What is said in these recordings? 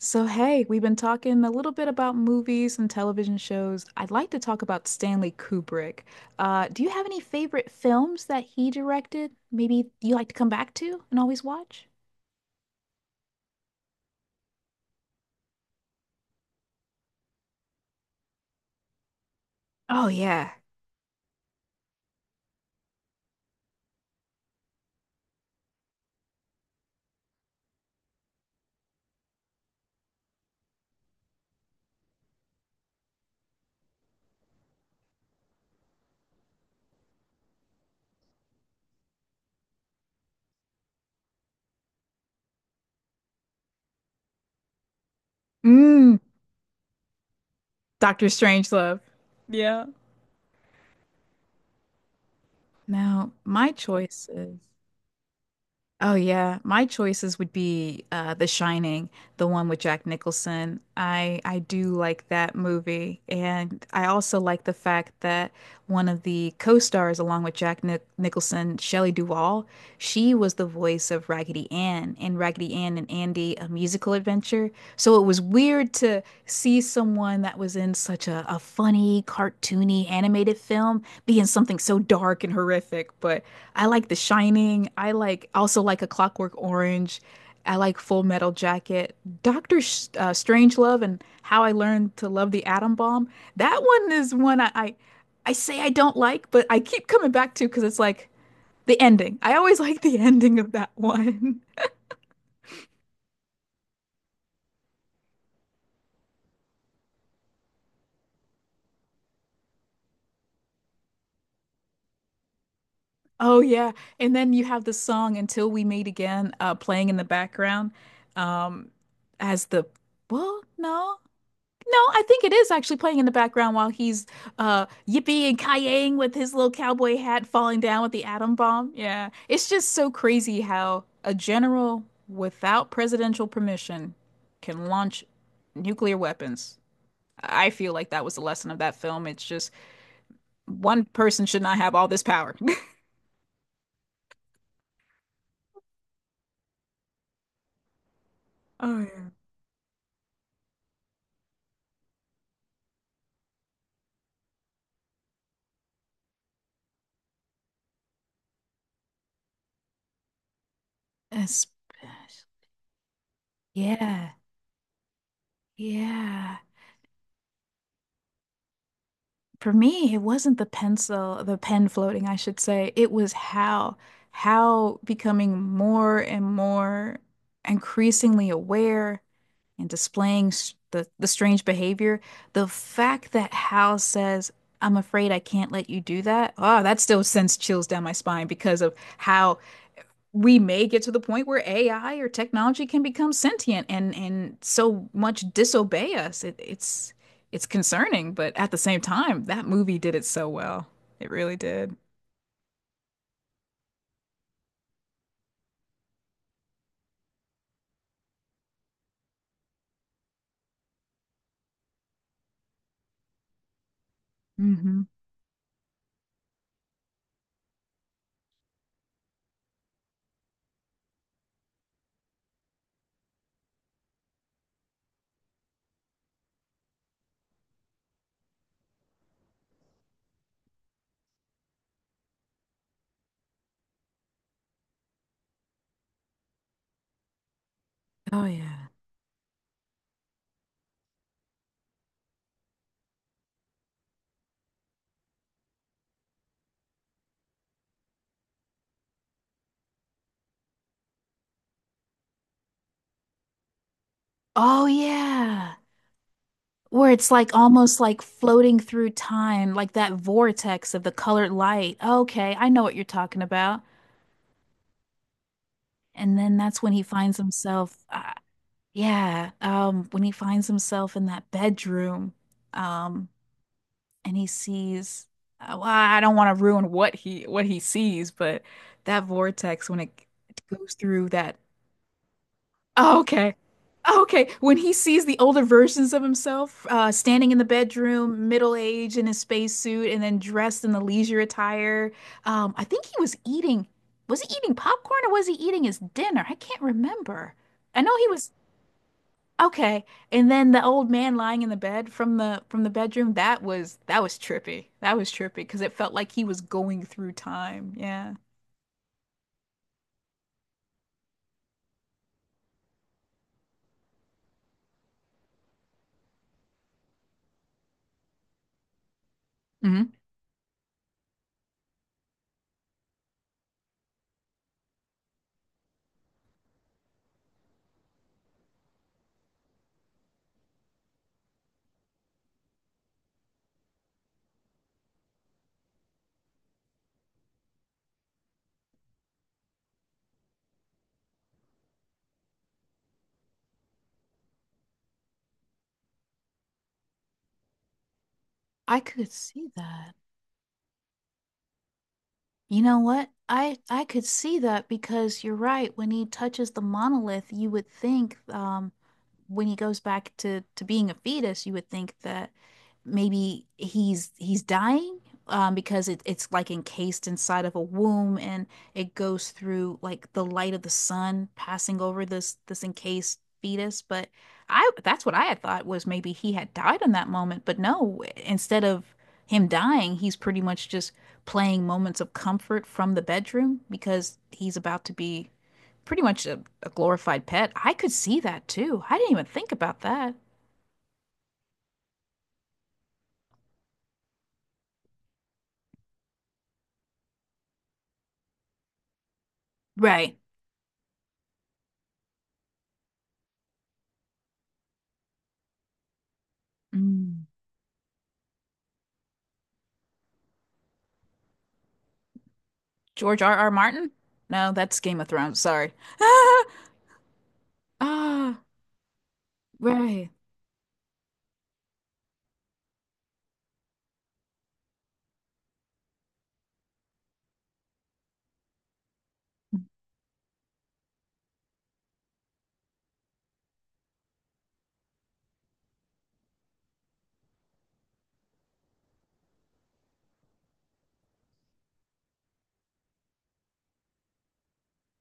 So, hey, we've been talking a little bit about movies and television shows. I'd like to talk about Stanley Kubrick. Do you have any favorite films that he directed? Maybe you like to come back to and always watch? Oh yeah. Mm, Doctor Strangelove. Yeah. Now, my choices. Oh yeah, my choices would be The Shining, the one with Jack Nicholson. I do like that movie, and I also like the fact that one of the co-stars along with Jack Nicholson, Shelley Duvall, she was the voice of Raggedy Ann in Raggedy Ann and Andy: A Musical Adventure. So it was weird to see someone that was in such a funny, cartoony, animated film be in something so dark and horrific, but I like The Shining. I like also like A Clockwork Orange. I like Full Metal Jacket. Doctor Sh Strangelove and How I Learned to Love the Atom Bomb. That one is one I say I don't like, but I keep coming back to because it's like the ending. I always like the ending of that one. Oh yeah, and then you have the song "Until We Meet Again" playing in the background, um, as the well, no. No, I think it is actually playing in the background while he's yippee and kayaying with his little cowboy hat falling down with the atom bomb. Yeah. It's just so crazy how a general without presidential permission can launch nuclear weapons. I feel like that was the lesson of that film. It's just one person should not have all this power. Oh, yeah. Especially. Yeah. Yeah. For me, it wasn't the pencil, the pen floating, I should say. It was how becoming more and more increasingly aware and displaying the strange behavior. The fact that Hal says, I'm afraid I can't let you do that. Oh, that still sends chills down my spine because of how we may get to the point where AI or technology can become sentient and so much disobey us. It's concerning, but at the same time, that movie did it so well. It really did. Hmm. Oh yeah. Oh yeah. Where it's like almost like floating through time, like that vortex of the colored light. Okay, I know what you're talking about. And then that's when he finds himself, yeah, when he finds himself in that bedroom, um, and he sees well, I don't want to ruin what he sees, but that vortex when it goes through that oh, okay. Oh, okay, when he sees the older versions of himself standing in the bedroom, middle-aged in his spacesuit, and then dressed in the leisure attire, I think he was eating. Was he eating popcorn or was he eating his dinner? I can't remember. I know he was. Okay. And then the old man lying in the bed from the bedroom, that was trippy. That was trippy because it felt like he was going through time. Yeah. Hmm. I could see that. You know what? I could see that because you're right. When he touches the monolith, you would think when he goes back to being a fetus, you would think that maybe he's dying because it's like encased inside of a womb, and it goes through like the light of the sun passing over this encased fetus. But I that's what I had thought was maybe he had died in that moment. But no, instead of him dying, he's pretty much just playing moments of comfort from the bedroom because he's about to be pretty much a glorified pet. I could see that too. I didn't even think about that. Right. Mm. George R. R. Martin? No, that's Game of Thrones. Sorry. Ah, right.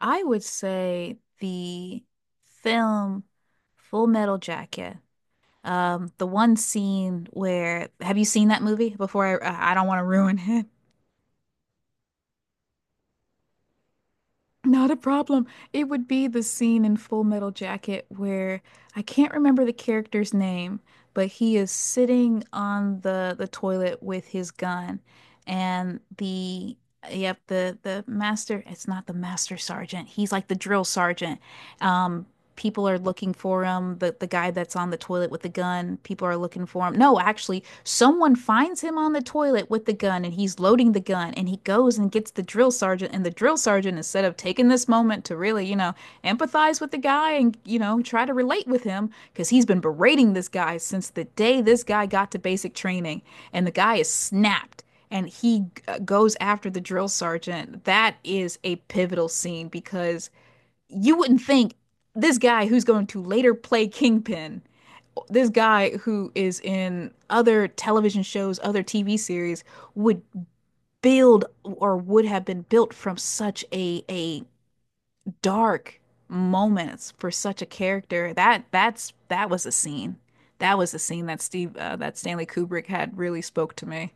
I would say the film Full Metal Jacket. The one scene where have you seen that movie before? I don't want to ruin it. Not a problem. It would be the scene in Full Metal Jacket where I can't remember the character's name, but he is sitting on the toilet with his gun and the master, it's not the master sergeant. He's like the drill sergeant. Um People are looking for him. The guy that's on the toilet with the gun, people are looking for him. No, actually, someone finds him on the toilet with the gun, and he's loading the gun, and he goes and gets the drill sergeant, and the drill sergeant, instead of taking this moment to really, you know, empathize with the guy and, you know, try to relate with him cuz he's been berating this guy since the day this guy got to basic training, and the guy is snapped, and he goes after the drill sergeant. That is a pivotal scene because you wouldn't think this guy who's going to later play Kingpin, this guy who is in other television shows, other TV series, would build or would have been built from such a dark moments for such a character. That was a scene. That was a scene that Steve that Stanley Kubrick had really spoke to me.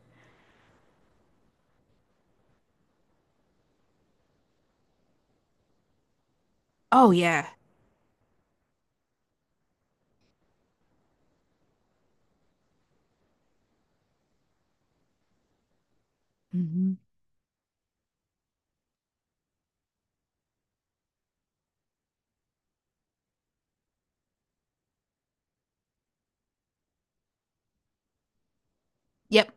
Oh yeah. Hmm. Yep.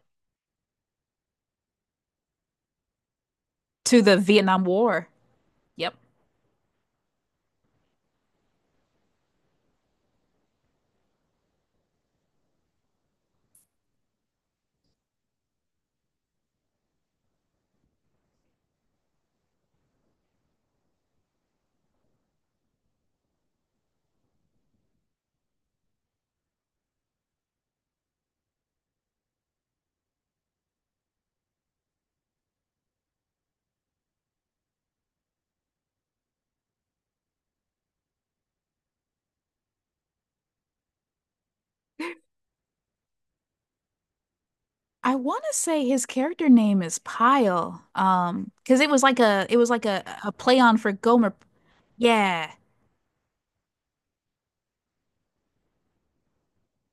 To the Vietnam War. Yep. I want to say his character name is Pyle, because it was like a play on for Gomer. Yeah,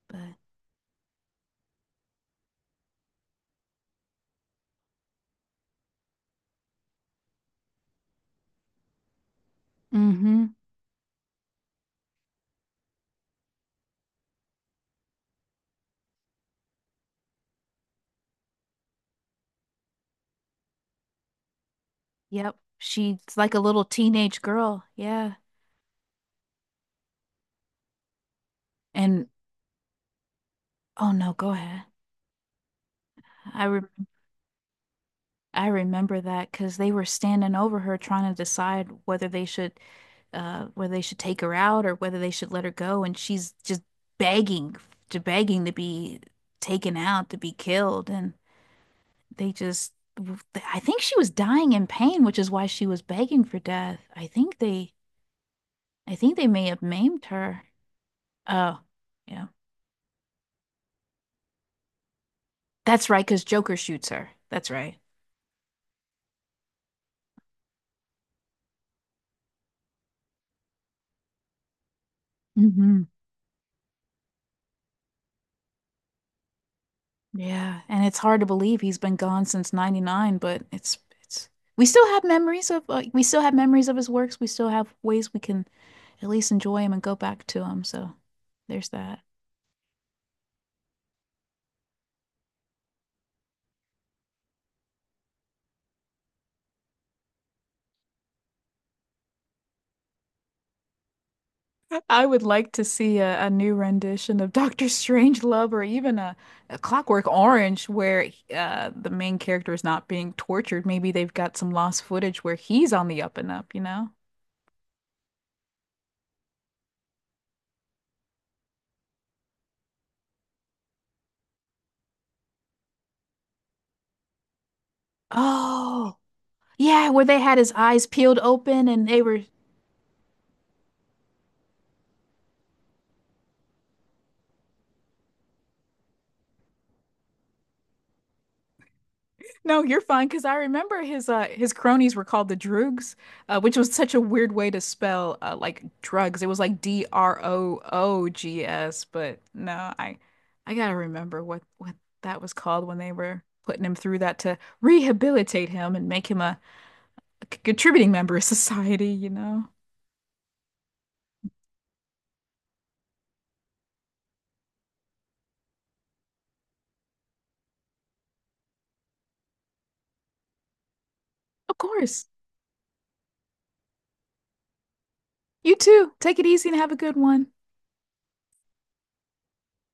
but mm-hmm. Yep, she's like a little teenage girl. Yeah, and oh no, go ahead. I re I remember that because they were standing over her trying to decide whether they should take her out or whether they should let her go, and she's just begging begging to be taken out to be killed and. They just I think she was dying in pain, which is why she was begging for death. I think they may have maimed her. Oh, yeah. That's right, because Joker shoots her. That's right. Hmm. Yeah, and it's hard to believe he's been gone since 99, but it's we still have memories of we still have memories of his works. We still have ways we can at least enjoy him and go back to him. So there's that. I would like to see a new rendition of Doctor Strangelove or even a Clockwork Orange where the main character is not being tortured. Maybe they've got some lost footage where he's on the up and up, you know? Oh, yeah, where they had his eyes peeled open, and they were No, you're fine because I remember his cronies were called the Droogs, which was such a weird way to spell like drugs. It was like Droogs, but no, I gotta remember what that was called when they were putting him through that to rehabilitate him and make him a contributing member of society, you know. Of course. You too. Take it easy and have a good one.